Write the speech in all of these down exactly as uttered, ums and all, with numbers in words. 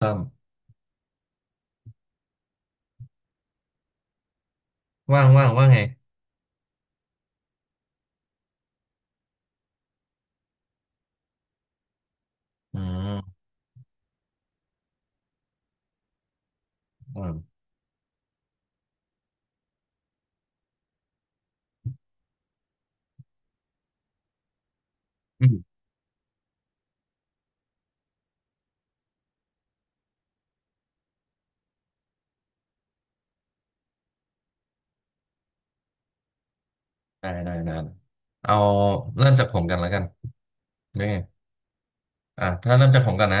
ต้อมว่างว่างว่าไงอืมอืมอืมได้ได้ได้เอาเริ่มจากผมกันแล้วกันนี่อ่ะถ้าเริ่มจากผมกันนะ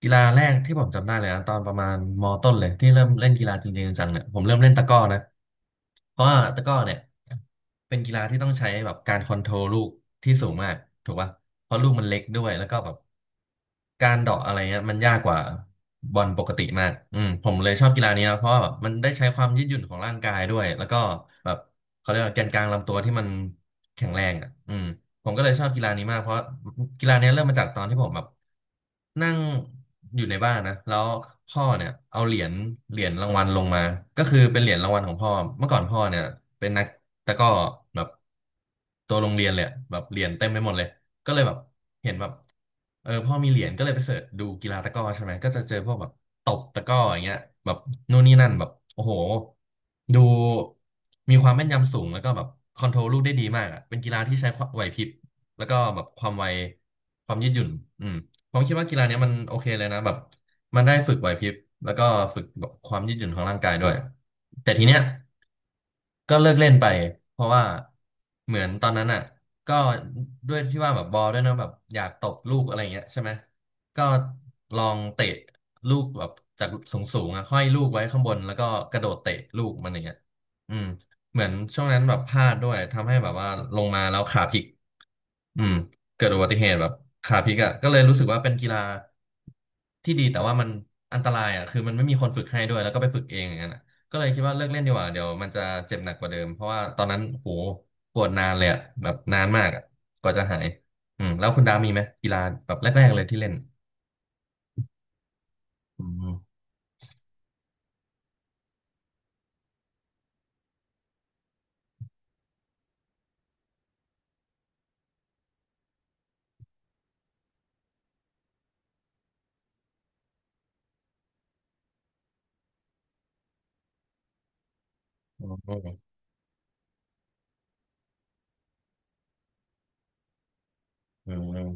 กีฬาแรกที่ผมจำได้เลยนะตอนประมาณมต้นเลยที่เริ่มเล่นกีฬาจริงๆจังๆเนี่ยผมเริ่มเล่นตะกร้อนะเพราะว่าตะกร้อเนี่ยเป็นกีฬาที่ต้องใช้แบบการคอนโทรลลูกที่สูงมากถูกป่ะเพราะลูกมันเล็กด้วยแล้วก็แบบ การเดาะอะไรเงี้ยมันยากกว่าบอลปกติมากอืมผมเลยชอบกีฬานี้นะเพราะว่าแบบมันได้ใช้ความยืดหยุ่นของร่างกายด้วยแล้วก็แบบเขาเรียกว่าแกนกลางลำตัวที่มันแข็งแรงอ่ะอืมผมก็เลยชอบกีฬานี้มากเพราะกีฬานี้เริ่มมาจากตอนที่ผมแบบนั่งอยู่ในบ้านนะแล้วพ่อเนี่ยเอาเหรียญเหรียญรางวัลลงมาก็คือเป็นเหรียญรางวัลของพ่อเมื่อก่อนพ่อเนี่ยเป็นนักตะกร้อแบบตัวโรงเรียนเลยอะแบบเหรียญเต็มไปหมดเลย ก็เลยแบบเห็นแบบเออพ่อมีเหรียญก็เลยไปเสิร์ชดูกีฬาตะกร้อใช่ไหมก็จะเจอพวกแบบตบตะกร้ออย่างเงี้ยแบบนู่นนี่นั่นแบบโอ้โหดูมีความแม่นยำสูงแล้วก็แบบคอนโทรลลูกได้ดีมากอ่ะเป็นกีฬาที่ใช้ความไหวพริบแล้วก็แบบความไวความยืดหยุ่นอืมผมคิดว่ากีฬาเนี้ยมันโอเคเลยนะแบบ มันได้ฝึกไหวพริบแล้วก็ฝึกแบบความยืดหยุ่นของร่างกายด้วยแต่ทีเนี้ยก็เลิกเล่นไปเพราะว่าเหมือนตอนนั้นอ่ะก็ด้วยที่ว่าแบบบอลด้วยเนอะแบบอยากตบลูกอะไรเงี้ยใช่ไหมก็ลองเตะลูกแบบจากสูงสูงอ่ะห้อยลูกไว้ข้างบนแล้วก็กระโดดเตะลูกมันอย่างเงี้ยอืมเหมือนช่วงนั้นแบบพลาดด้วยทำให้แบบว่าลงมาแล้วขาพลิก อืมเกิดอุบัติเหตุแบบขาพลิกอ่ะก็เลยรู้สึกว่าเป็นกีฬาที่ดีแต่ว่ามันอันตรายอ่ะคือมันไม่มีคนฝึกให้ด้วยแล้วก็ไปฝึกเองอย่างนั้นอะก็เลยคิดว่าเลิกเล่นดีกว่าเดี๋ยวมันจะเจ็บหนักกว่าเดิมเพราะว่าตอนนั้นโหปวดนานเลยอ่ะแบบนานมากอ่ะกว่าจะหายอืมแล้วคุณดามีไหมกีฬาแบบแรกๆเลยที่เล่นอืมอืมอืม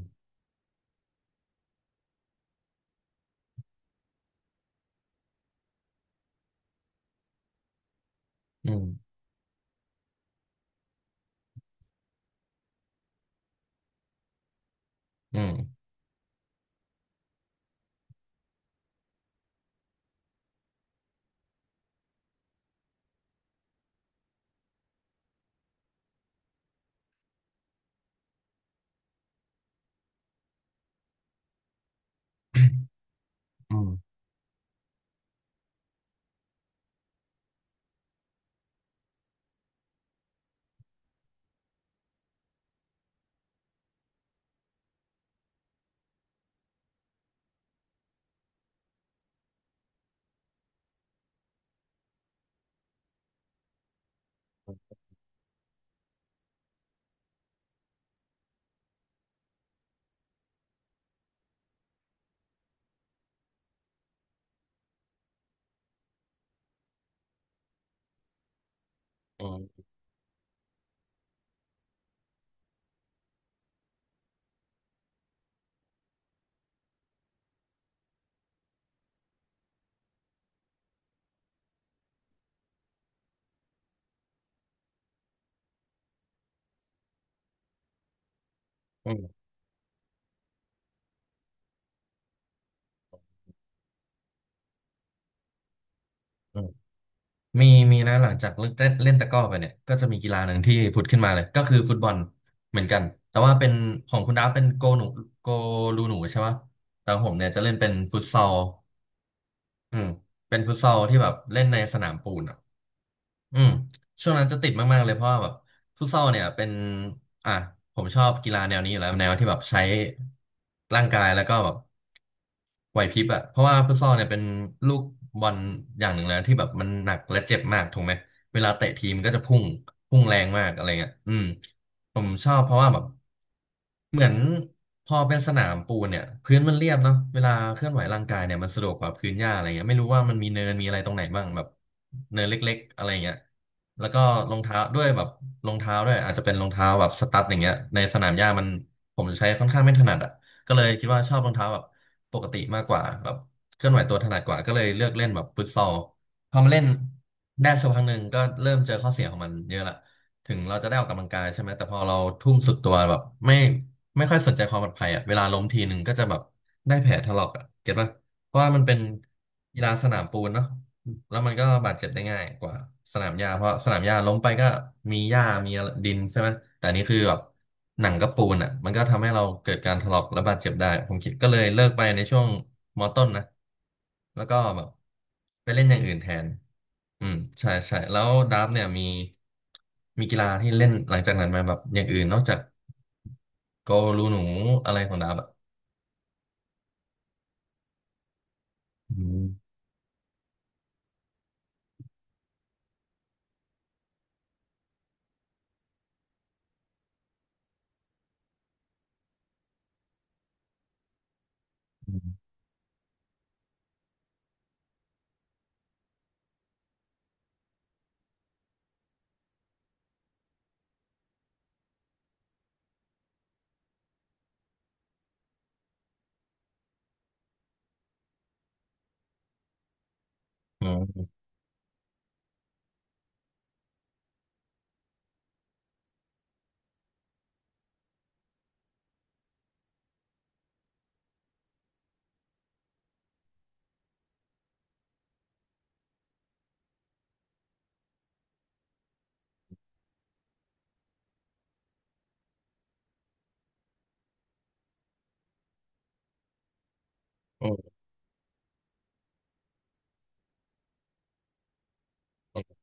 อืมอืมอืมอืมอืมอืม มีมีนะหลังจากเลิกเล่นเล่นตะกร้อไปเนี่ยก็จะมีกีฬาหนึ่งที่ผุดขึ้นมาเลยก็คือฟุตบอลเหมือนกันแต่ว่าเป็นของคุณดาฟเป็นโกหนูโกลูหนูใช่ไหมแต่ของผมเนี่ยจะเล่นเป็นฟุตซอลอืมเป็นฟุตซอลที่แบบเล่นในสนามปูนอ่ะอืมช่วงนั้นจะติดมากๆเลยเพราะว่าแบบฟุตซอลเนี่ยเป็นอ่ะผมชอบกีฬาแนวนี้อยู่แล้วแนวที่แบบใช้ร่างกายแล้วก็แบบ ไหวพริบอะเพราะว่าฟุตซอลเนี่ยเป็นลูกบอลอย่างหนึ่งแล้วที่แบบมันหนักและเจ็บมากถูกไหมเวลาเตะทีมก็จะพุ่งพุ่งแรงมากอะไรเงี้ยอืมผมชอบเพราะว่าแบบเหมือนพอเป็นสนามปูนเนี่ยพื้นมันเรียบเนาะเวลาเคลื่อนไหวร่างกายเนี่ยมันสะดวกกว่าพื้นหญ้าอะไรเงี้ยไม่รู้ว่ามันมีเนินมีอะไรตรงไหนบ้างแบบเนินเล็กๆอะไรเงี้ยแล้วก็รองเท้าด้วยแบบรองเท้าด้วยอาจจะเป็นรองเท้าแบบสตั๊ดอย่างเงี้ยในสนามหญ้ามันผมใช้ค่อนข้างไม่ถนัดอะก็เลยคิดว่าชอบรองเท้าแบบ ปกติมากกว่าแบบเคลื่อนไหวตัวถนัดกว่าก็เลยเลือกเล่นแบบฟุตซอลพอมาเล่นได้สักพักหนึ่งก็เริ่มเจอข้อเสียของมันเยอะละถึงเราจะได้ออกกำลังกายใช่ไหมแต่พอเราทุ่มสุดตัวแบบไม่ไม่ค่อยสนใจความปลอดภัยอ่ะเวลาล้มทีหนึ่งก็จะแบบได้แผลถลอกอ่ะเก็ตป่ะเพราะว่ามันเป็นกีฬาสนามปูนเนาะ แล้วมันก็บาดเจ็บได้ง่ายกว่าสนามหญ้าเพราะสนามหญ้าล้มไปก็มีหญ้ามีดินใช่ไหมแต่อันนี้คือแบบหนังกับปูนอ่ะมันก็ทำให้เราเกิดการถลอกและบาดเจ็บได้ผมคิดก็เลยเลิกไปในช่วงมอต้นนะแล้วก็แบบไปเล่นอย่างอื่นแทนอืมใช่ใช่แล้วดับเนี่ยมีมีกีฬาที่เล่นหลังจากนั้นไหมาแบบอย่างอื่นนอกจากโกลูหนูอะไรของดับอ่ะอืมอืมอืมอืม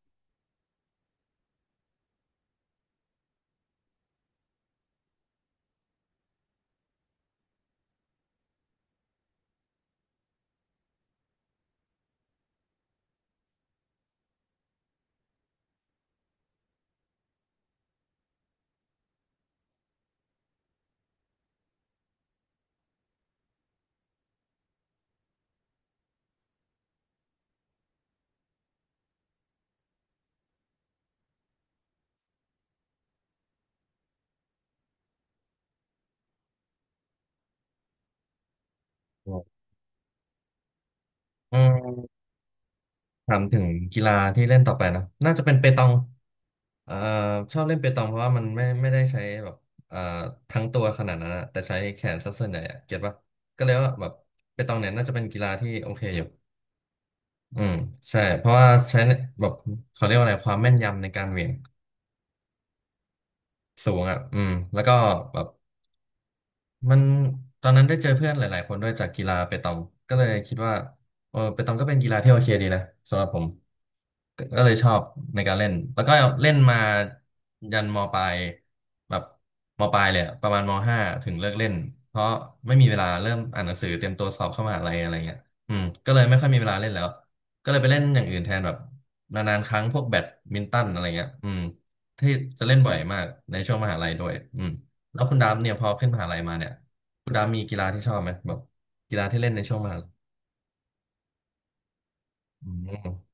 อืมอืม ถามถึงกีฬาที่เล่นต่อไปนะน่าจะเป็นเปตองเอ่อชอบเล่นเปตองเพราะว่ามันไม่ไม่ได้ใช้แบบเอ่อทั้งตัวขนาดนั้นอะแต่ใช้แขนซะส่วนใหญ่อะเก็ตปะก็เลยว่าแบบเปตองเนี่ยน่าจะเป็นกีฬาที่โอเคอยู่อืมใช่เพราะว่าใช้แบบเขาเรียกว่าอะไรความแม่นยำในการเหวี่ยงสูงอ่ะอืมแล้วก็แบบ มันตอนนั้นได้เจอเพื่อนหลาย ๆ คนด้วยจากกีฬาเปตองก็เลยคิดว่าเออเปตองก็เป็นกีฬาที่โอเคดีนะสำหรับผมก็ก็เลยชอบในการเล่นแล้วก็เล่นมายันมปลายแบบมปลายเลยอะประมาณมห้าถึงเลิกเล่นเพราะไม่มีเวลาเริ่มอ่านหนังสือเตรียมตัวสอบเข้ามหาลัยอะไรเงี้ยอืมก็เลยไม่ค่อยมีเวลาเล่นแล้วก็เลยไปเล่นอย่างอื่นแทนแบบนานๆครั้งพวกแบดมินตันอะไรเงี้ยอืมที่จะเล่นบ่อยมากในช่วงมหาลัยด้วยอืม แล้วคุณดามเนี่ยพอขึ้นมหาลัยมาเนี่ยคุณดามมีกีฬาที่ชอบไหมแบบกีฬาที่เล่นในช่วงมหาลัยอืม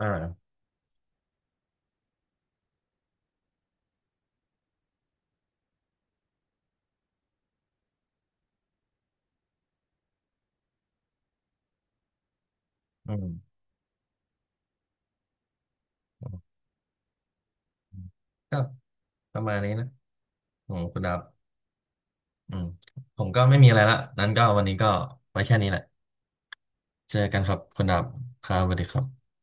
อ่าอืมอืมก็ประมาณนี้นะของคุณดามอืมผมก็ไม่มีอะไรละนั้นก็วันนี้ก็ไว้แค่นี้แหละเจอกันครับคุณดามครับสวัสดีครับ